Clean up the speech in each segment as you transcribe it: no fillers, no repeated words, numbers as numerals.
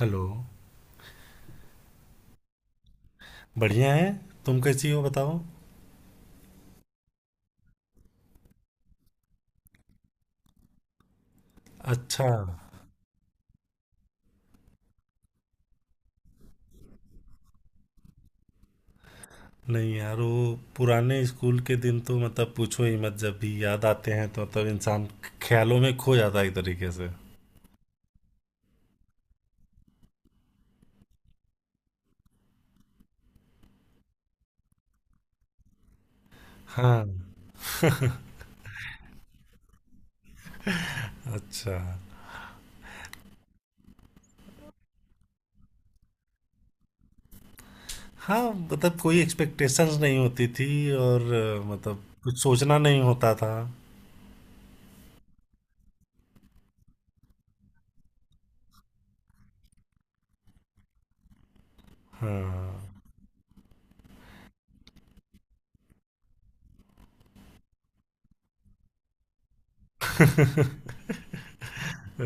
Hello. बढ़िया है। तुम कैसी हो बताओ। अच्छा। नहीं यार, वो पुराने स्कूल के दिन तो मतलब पूछो ही मत। जब भी याद आते हैं तो मतलब इंसान ख्यालों में खो जाता है एक तरीके से। हाँ। अच्छा। हाँ मतलब कोई एक्सपेक्टेशंस नहीं होती थी और मतलब कुछ सोचना नहीं होता था। हाँ। अ,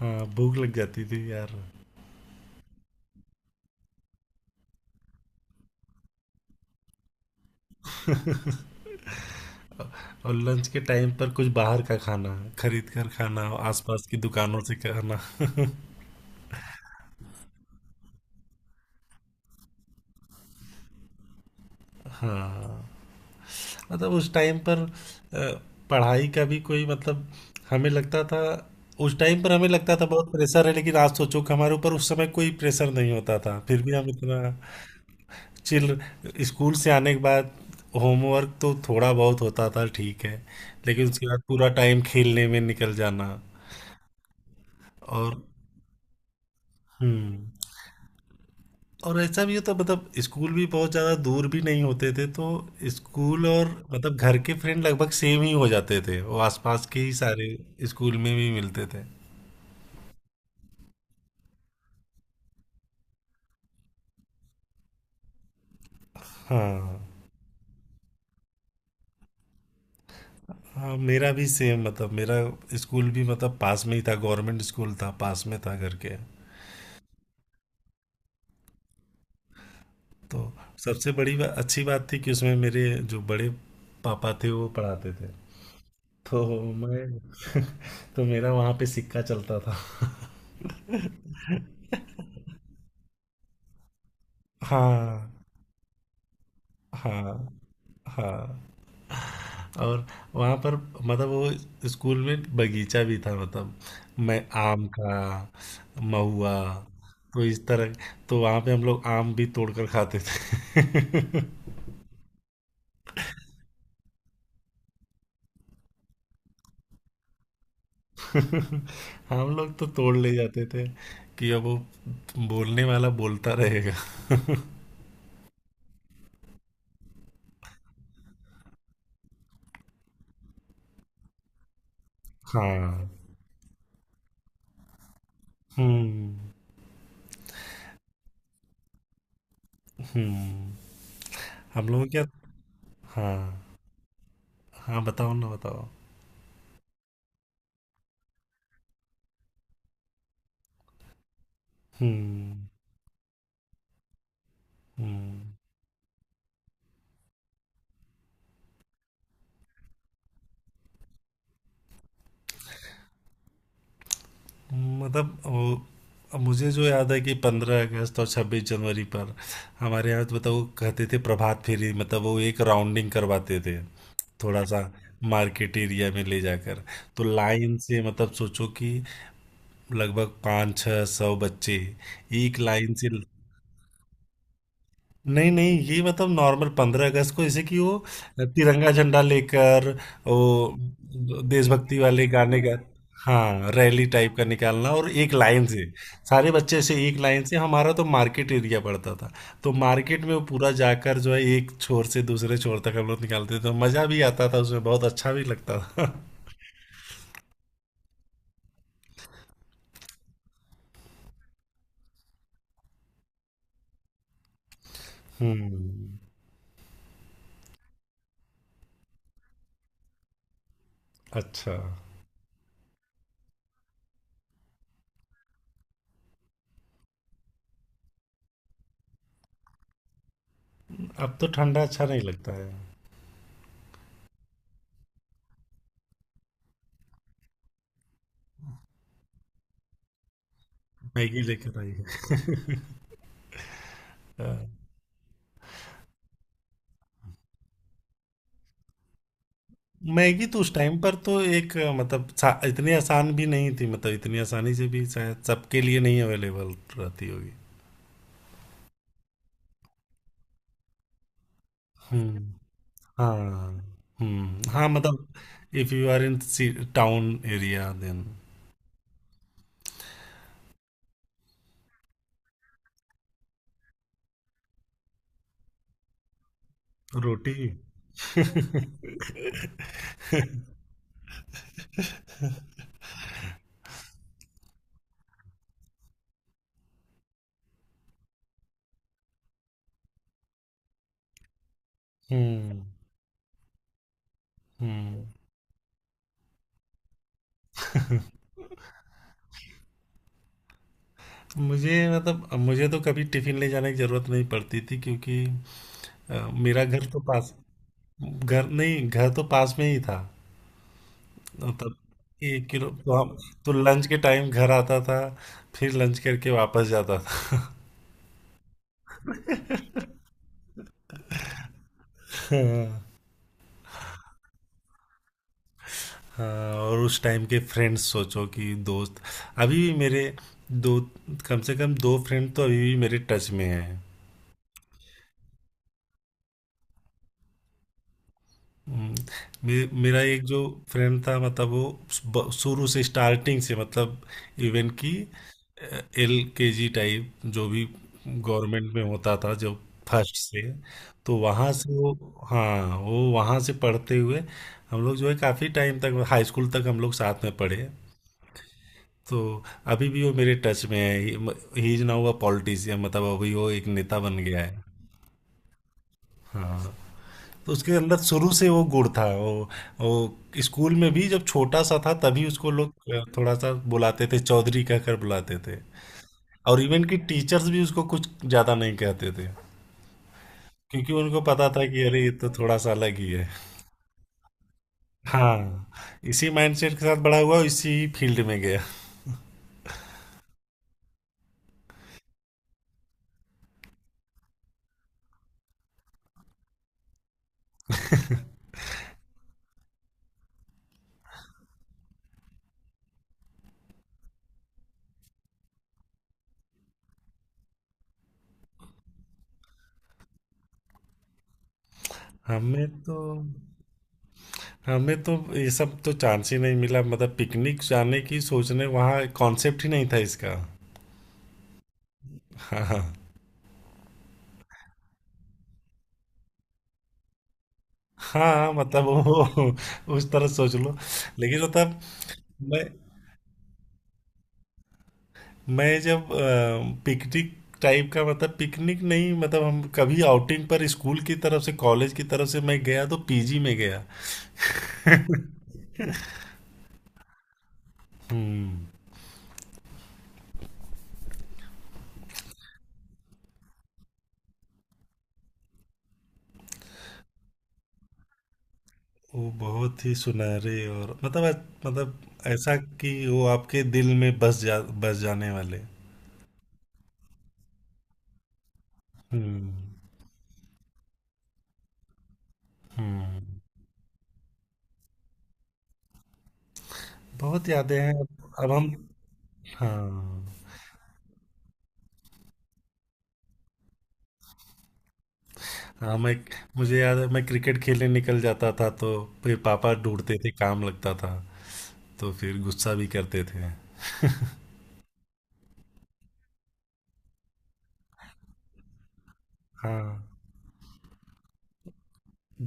हाँ भूख लग जाती थी यार। और लंच के टाइम पर कुछ बाहर का खाना खरीद कर खाना, आसपास की दुकानों से खाना। हाँ मतलब उस टाइम पर अ, पढ़ाई का भी कोई मतलब हमें लगता था। उस टाइम पर हमें लगता था बहुत प्रेशर है लेकिन आज सोचो कि हमारे ऊपर उस समय कोई प्रेशर नहीं होता था फिर भी हम इतना चिल। स्कूल से आने के बाद होमवर्क तो थोड़ा बहुत होता था, ठीक है, लेकिन उसके बाद पूरा टाइम खेलने में निकल जाना। और हम्म। और ऐसा भी होता मतलब स्कूल भी बहुत ज़्यादा दूर भी नहीं होते थे तो स्कूल और मतलब घर के फ्रेंड लगभग सेम ही हो जाते थे। वो आसपास के ही सारे स्कूल में भी मिलते थे। हाँ। हाँ मेरा भी सेम मतलब मेरा स्कूल भी मतलब पास में ही था। गवर्नमेंट स्कूल था, पास में था घर के। तो सबसे बड़ी अच्छी बात थी कि उसमें मेरे जो बड़े पापा थे वो पढ़ाते थे। तो मैं तो मेरा वहाँ पे सिक्का चलता था। हाँ। हाँ। हाँ। और वहाँ पर मतलब वो स्कूल में बगीचा भी था मतलब मैं आम का महुआ, तो इस तरह तो वहाँ पे हम लोग आम भी तोड़ कर खाते थे। हम लोग तो तोड़ ले जाते थे कि अब वो बोलने वाला बोलता रहेगा। हाँ। हम्म। हम्म। हम लोग क्या। हाँ। हाँ बताओ ना, बताओ। हम्म। हम्म। मतलब वो, अब मुझे जो याद है कि 15 अगस्त और 26 जनवरी पर हमारे यहाँ तो मतलब वो कहते थे प्रभात फेरी, मतलब वो एक राउंडिंग करवाते थे थोड़ा सा, मार्केट एरिया में ले जाकर। तो लाइन से मतलब सोचो कि लगभग 5-6 सौ बच्चे एक लाइन से। नहीं नहीं, ये मतलब नॉर्मल 15 अगस्त को जैसे कि वो तिरंगा झंडा लेकर वो देशभक्ति वाले गाने का। हाँ रैली टाइप का निकालना, और एक लाइन से सारे बच्चे, से एक लाइन से हमारा तो मार्केट एरिया पड़ता था। तो मार्केट में वो पूरा जाकर जो है एक छोर से दूसरे छोर तक हम लोग निकालते थे। तो मज़ा भी आता था उसमें, बहुत अच्छा भी लगता था। हम्म। अच्छा। अब तो ठंडा अच्छा नहीं लगता है। मैगी लेकर आई है। हाँ। मैगी तो उस टाइम पर तो एक मतलब इतनी आसान भी नहीं थी मतलब इतनी आसानी से भी शायद सबके लिए नहीं अवेलेबल रहती होगी। हम्म। हाँ। हम्म। हाँ मतलब if you are in town area then. रोटी। हम्म। हम्म। मुझे मतलब मुझे तो कभी टिफिन ले जाने की जरूरत नहीं पड़ती थी क्योंकि अ, मेरा घर तो पास, घर नहीं, घर तो पास में ही था। तब एक किलो तो हम, तो लंच के टाइम घर आता था, फिर लंच करके वापस जाता था। हाँ। हाँ, और उस टाइम के फ्रेंड्स सोचो कि दोस्त अभी भी मेरे, दो, कम से कम दो फ्रेंड तो अभी भी मेरे टच में हैं। हम्म। मेरा एक जो फ्रेंड था मतलब वो शुरू से स्टार्टिंग से मतलब इवेंट की एल के जी टाइप जो भी गवर्नमेंट में होता था जो फर्स्ट से, तो वहाँ से वो, हाँ वो वहाँ से पढ़ते हुए हम लोग जो है काफ़ी टाइम तक हाई स्कूल तक हम लोग साथ में पढ़े। तो अभी भी वो मेरे टच में है। He is now a politician, मतलब अभी वो एक नेता बन गया है। हाँ तो उसके अंदर शुरू से वो गुण था। वो स्कूल में भी जब छोटा सा था तभी उसको लोग थोड़ा सा बुलाते थे, चौधरी कहकर बुलाते थे। और इवन कि टीचर्स भी उसको कुछ ज्यादा नहीं कहते थे क्योंकि उनको पता था कि अरे ये तो थोड़ा सा अलग ही है। हाँ इसी माइंडसेट के साथ बड़ा हुआ, इसी फील्ड में गया। हमें तो हमें तो ये सब तो चांस ही नहीं मिला मतलब पिकनिक जाने की सोचने वहाँ कॉन्सेप्ट ही नहीं था इसका। हाँ हाँ। हाँ मतलब वो उस तरह सोच लो लेकिन मतलब मैं मैं जब पिकनिक टाइप का मतलब पिकनिक नहीं मतलब हम कभी आउटिंग पर स्कूल की तरफ से, कॉलेज की तरफ से मैं गया तो पीजी में गया। हम्म। वो बहुत ही सुनहरे और मतलब मतलब ऐसा कि वो आपके दिल में बस जाने वाले। हम्म। हम्म। बहुत यादें हैं। अब हम, हाँ। हाँ मैं, मुझे याद है मैं क्रिकेट खेलने निकल जाता था तो फिर पापा ढूंढते थे, काम लगता था। तो फिर गुस्सा भी करते थे। हाँ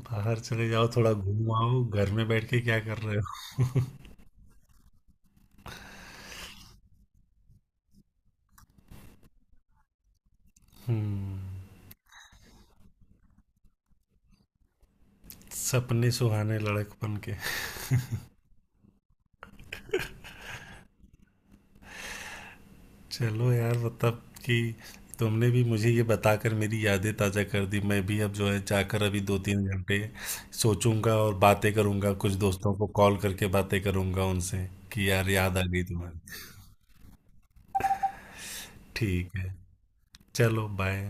बाहर चले जाओ, थोड़ा घूम आओ, घर में बैठ के क्या कर रहे हो। हम्म। सपने सुहाने लड़कपन के। चलो यार मतलब कि तुमने भी मुझे ये बताकर मेरी यादें ताज़ा कर दी। मैं भी अब जो है जाकर अभी 2-3 घंटे सोचूंगा और बातें करूंगा, कुछ दोस्तों को कॉल करके बातें करूंगा उनसे कि यार याद आ गई तुम्हारी। ठीक है। चलो बाय।